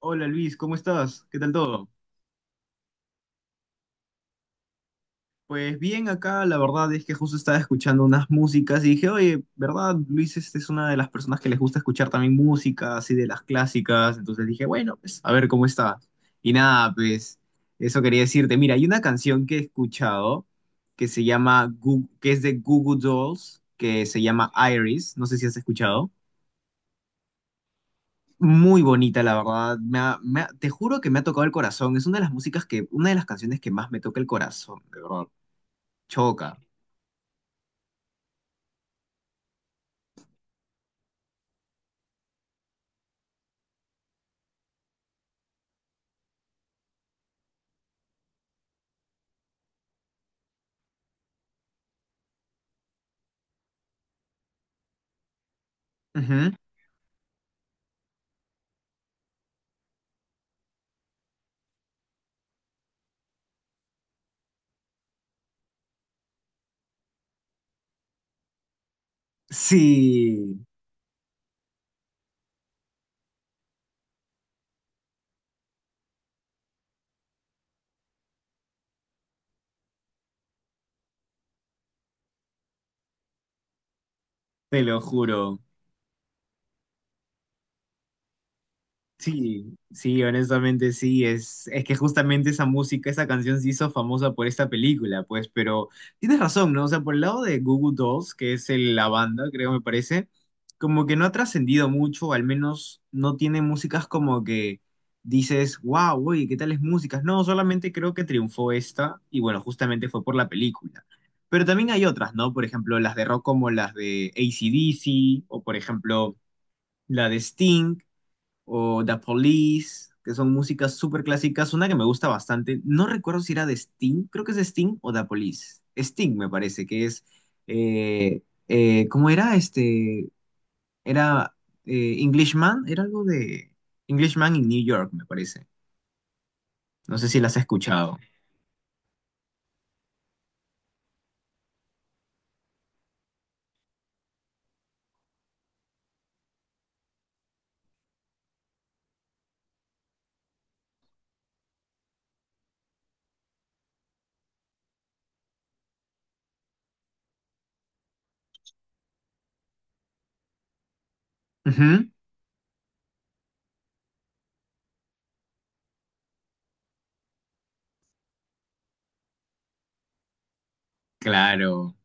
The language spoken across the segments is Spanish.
Hola Luis, ¿cómo estás? ¿Qué tal todo? Pues bien, acá la verdad es que justo estaba escuchando unas músicas y dije, oye, ¿verdad? Luis este es una de las personas que les gusta escuchar también música, así de las clásicas. Entonces dije, bueno, pues a ver cómo está. Y nada, pues eso quería decirte. Mira, hay una canción que he escuchado que se llama, que es de Goo Goo Dolls, que se llama Iris. No sé si has escuchado. Muy bonita, la verdad. Te juro que me ha tocado el corazón. Es una de las músicas que, una de las canciones que más me toca el corazón, de verdad. Choca. Ujú. Sí, te lo juro. Sí, sí, honestamente sí, es que justamente esa música, esa canción se hizo famosa por esta película, pues, pero tienes razón, ¿no? O sea, por el lado de Goo Goo Dolls, que es la banda, creo me parece, como que no ha trascendido mucho, al menos no tiene músicas como que dices, wow, oye, ¿qué tales músicas? No, solamente creo que triunfó esta, y bueno, justamente fue por la película. Pero también hay otras, ¿no? Por ejemplo, las de rock como las de AC/DC, o por ejemplo, la de Sting o The Police, que son músicas súper clásicas. Una que me gusta bastante, no recuerdo si era de Sting, creo que es de Sting o The Police. Sting me parece que es, eh, ¿cómo era? Este, era Englishman, era algo de Englishman in New York, me parece. No sé si las has escuchado. Ujú. Claro.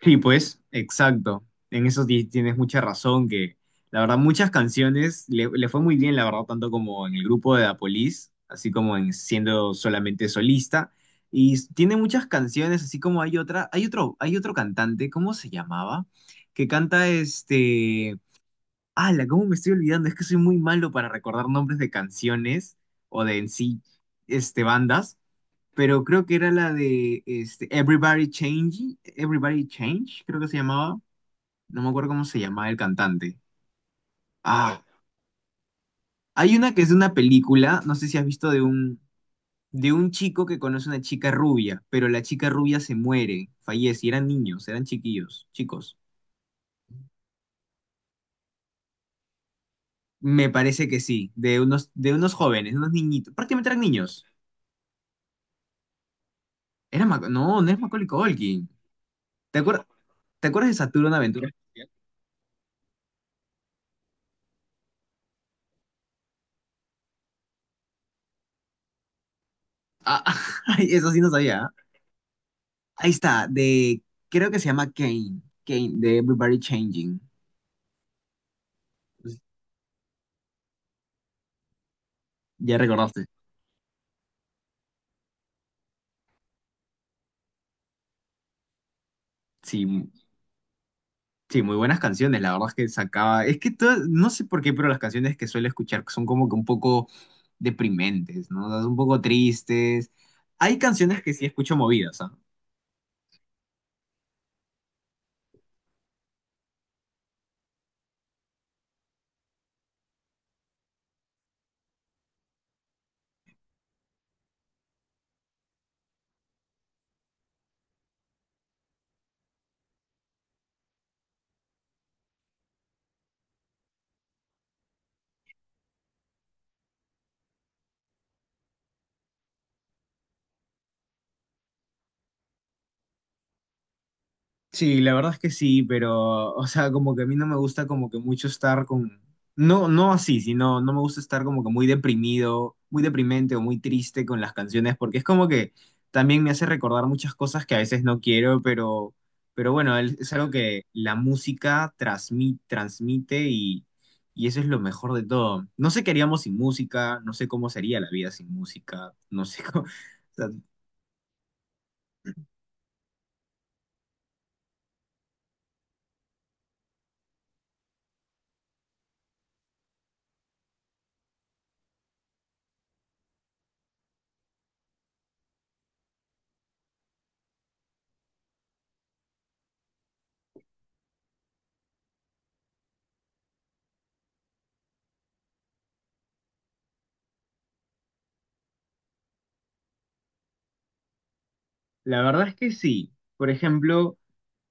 Sí, pues, exacto. En eso tienes mucha razón, que la verdad muchas canciones le fue muy bien, la verdad, tanto como en el grupo de Apolis, así como en siendo solamente solista. Y tiene muchas canciones, así como hay otra, hay otro cantante, ¿cómo se llamaba? Que canta este. ¡Hala! ¿Cómo me estoy olvidando? Es que soy muy malo para recordar nombres de canciones o de en sí, este, bandas, pero creo que era la de este, Everybody Change, Everybody Change, creo que se llamaba. No me acuerdo cómo se llamaba el cantante. Ah, hay una que es de una película, no sé si has visto de un, chico que conoce a una chica rubia, pero la chica rubia se muere, fallece, y eran niños, eran chiquillos, chicos. Me parece que sí, de unos jóvenes, unos niñitos, prácticamente eran niños. No, no es Macaulay Culkin. ¿Te acuer- ¿Te acuerdas de Saturno en Aventura Espacial? Ah, ay, eso sí no sabía. Ahí está, de, creo que se llama Kane, Kane, de Everybody Changing. Ya recordaste. Sí, mu- sí, muy buenas canciones, la verdad es que sacaba, es que no sé por qué, pero las canciones que suelo escuchar son como que un poco deprimentes, ¿no? O sea, son un poco tristes. Hay canciones que sí escucho movidas, ¿ah? Sí, la verdad es que sí, pero, o sea, como que a mí no me gusta como que mucho estar con, no, no así, sino no me gusta estar como que muy deprimido, muy deprimente o muy triste con las canciones, porque es como que también me hace recordar muchas cosas que a veces no quiero, pero, bueno, es algo que la música transmite y eso es lo mejor de todo. No sé qué haríamos sin música, no sé cómo sería la vida sin música, no sé cómo, o sea, la verdad es que sí, por ejemplo.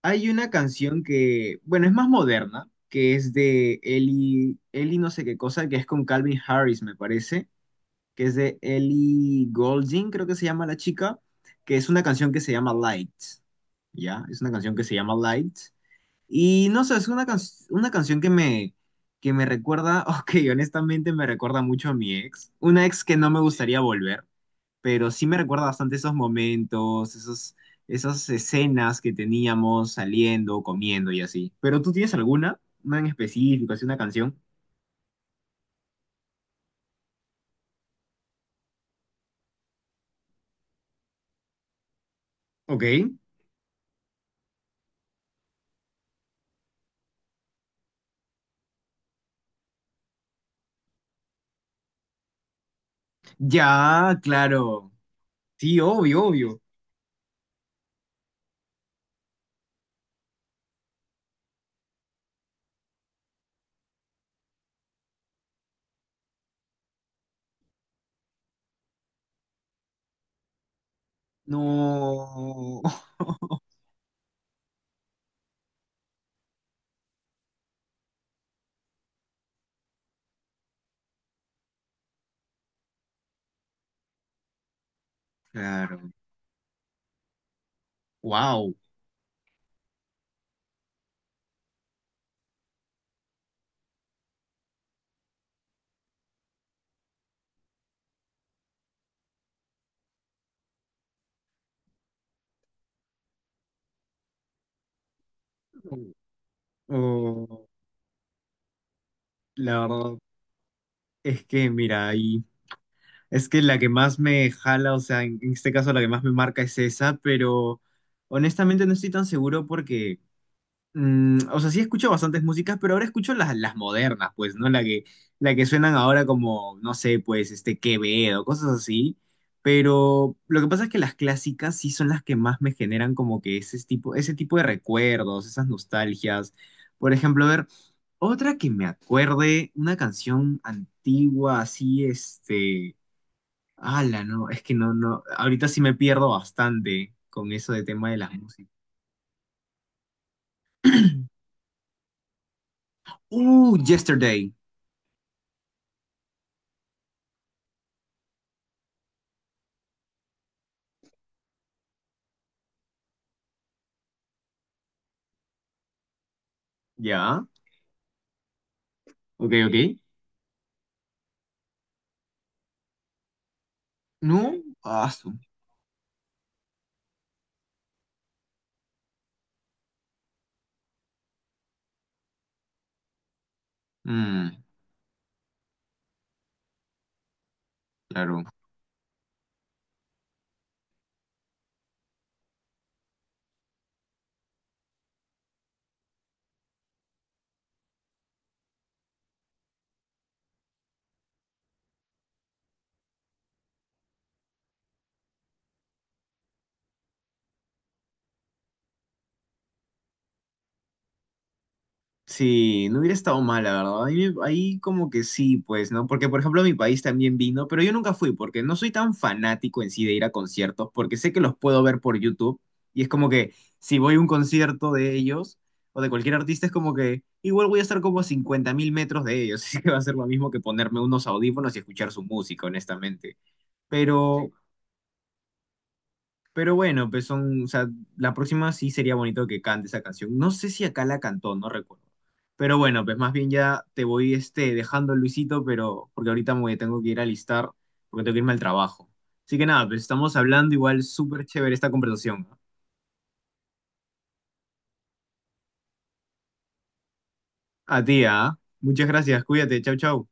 Hay una canción que, bueno, es más moderna, que es de Ellie no sé qué cosa, que es con Calvin Harris, me parece, que es de Ellie Goulding, creo que se llama la chica, que es una canción que se llama Lights, ¿ya? Es una canción que se llama Lights. Y no sé, es una canción que me recuerda, ok, honestamente me recuerda mucho a mi ex, una ex que no me gustaría volver, pero sí me recuerda bastante esos momentos, esos, esas escenas que teníamos saliendo, comiendo y así. Pero tú tienes alguna, una en específico, así una canción. Ok. Ya, claro. Sí, obvio, obvio. No. Claro. Wow. Oh, la verdad es que, mira, ahí. Es que la que más me jala, o sea, en este caso la que más me marca es esa, pero honestamente no estoy tan seguro porque. Mm, o sea, sí escucho bastantes músicas, pero ahora escucho las modernas, pues, ¿no? La que suenan ahora como, no sé, pues, este Quevedo, cosas así. Pero lo que pasa es que las clásicas sí son las que más me generan como que ese tipo de recuerdos, esas nostalgias. Por ejemplo, a ver, otra que me acuerde, una canción antigua, así, este, ala, no, es que no, no, ahorita sí me pierdo bastante con eso de tema de las músicas. Yesterday, ¿ya? Ok, ok. No, ah, mm, claro. Sí, no hubiera estado mal, la verdad. Ahí como que sí, pues, ¿no? Porque, por ejemplo, mi país también vino, pero yo nunca fui porque no soy tan fanático en sí de ir a conciertos, porque sé que los puedo ver por YouTube y es como que si voy a un concierto de ellos o de cualquier artista es como que igual voy a estar como a 50 mil metros de ellos, así que va a ser lo mismo que ponerme unos audífonos y escuchar su música, honestamente. Pero, bueno, pues son, o sea, la próxima sí sería bonito que cante esa canción. No sé si acá la cantó, no recuerdo. Pero bueno, pues más bien ya te voy este, dejando, Luisito, pero porque ahorita me tengo que ir a alistar, porque tengo que irme al trabajo. Así que nada, pues estamos hablando igual súper chévere esta conversación. A ti, ¿ah? Muchas gracias, cuídate, chau, chau.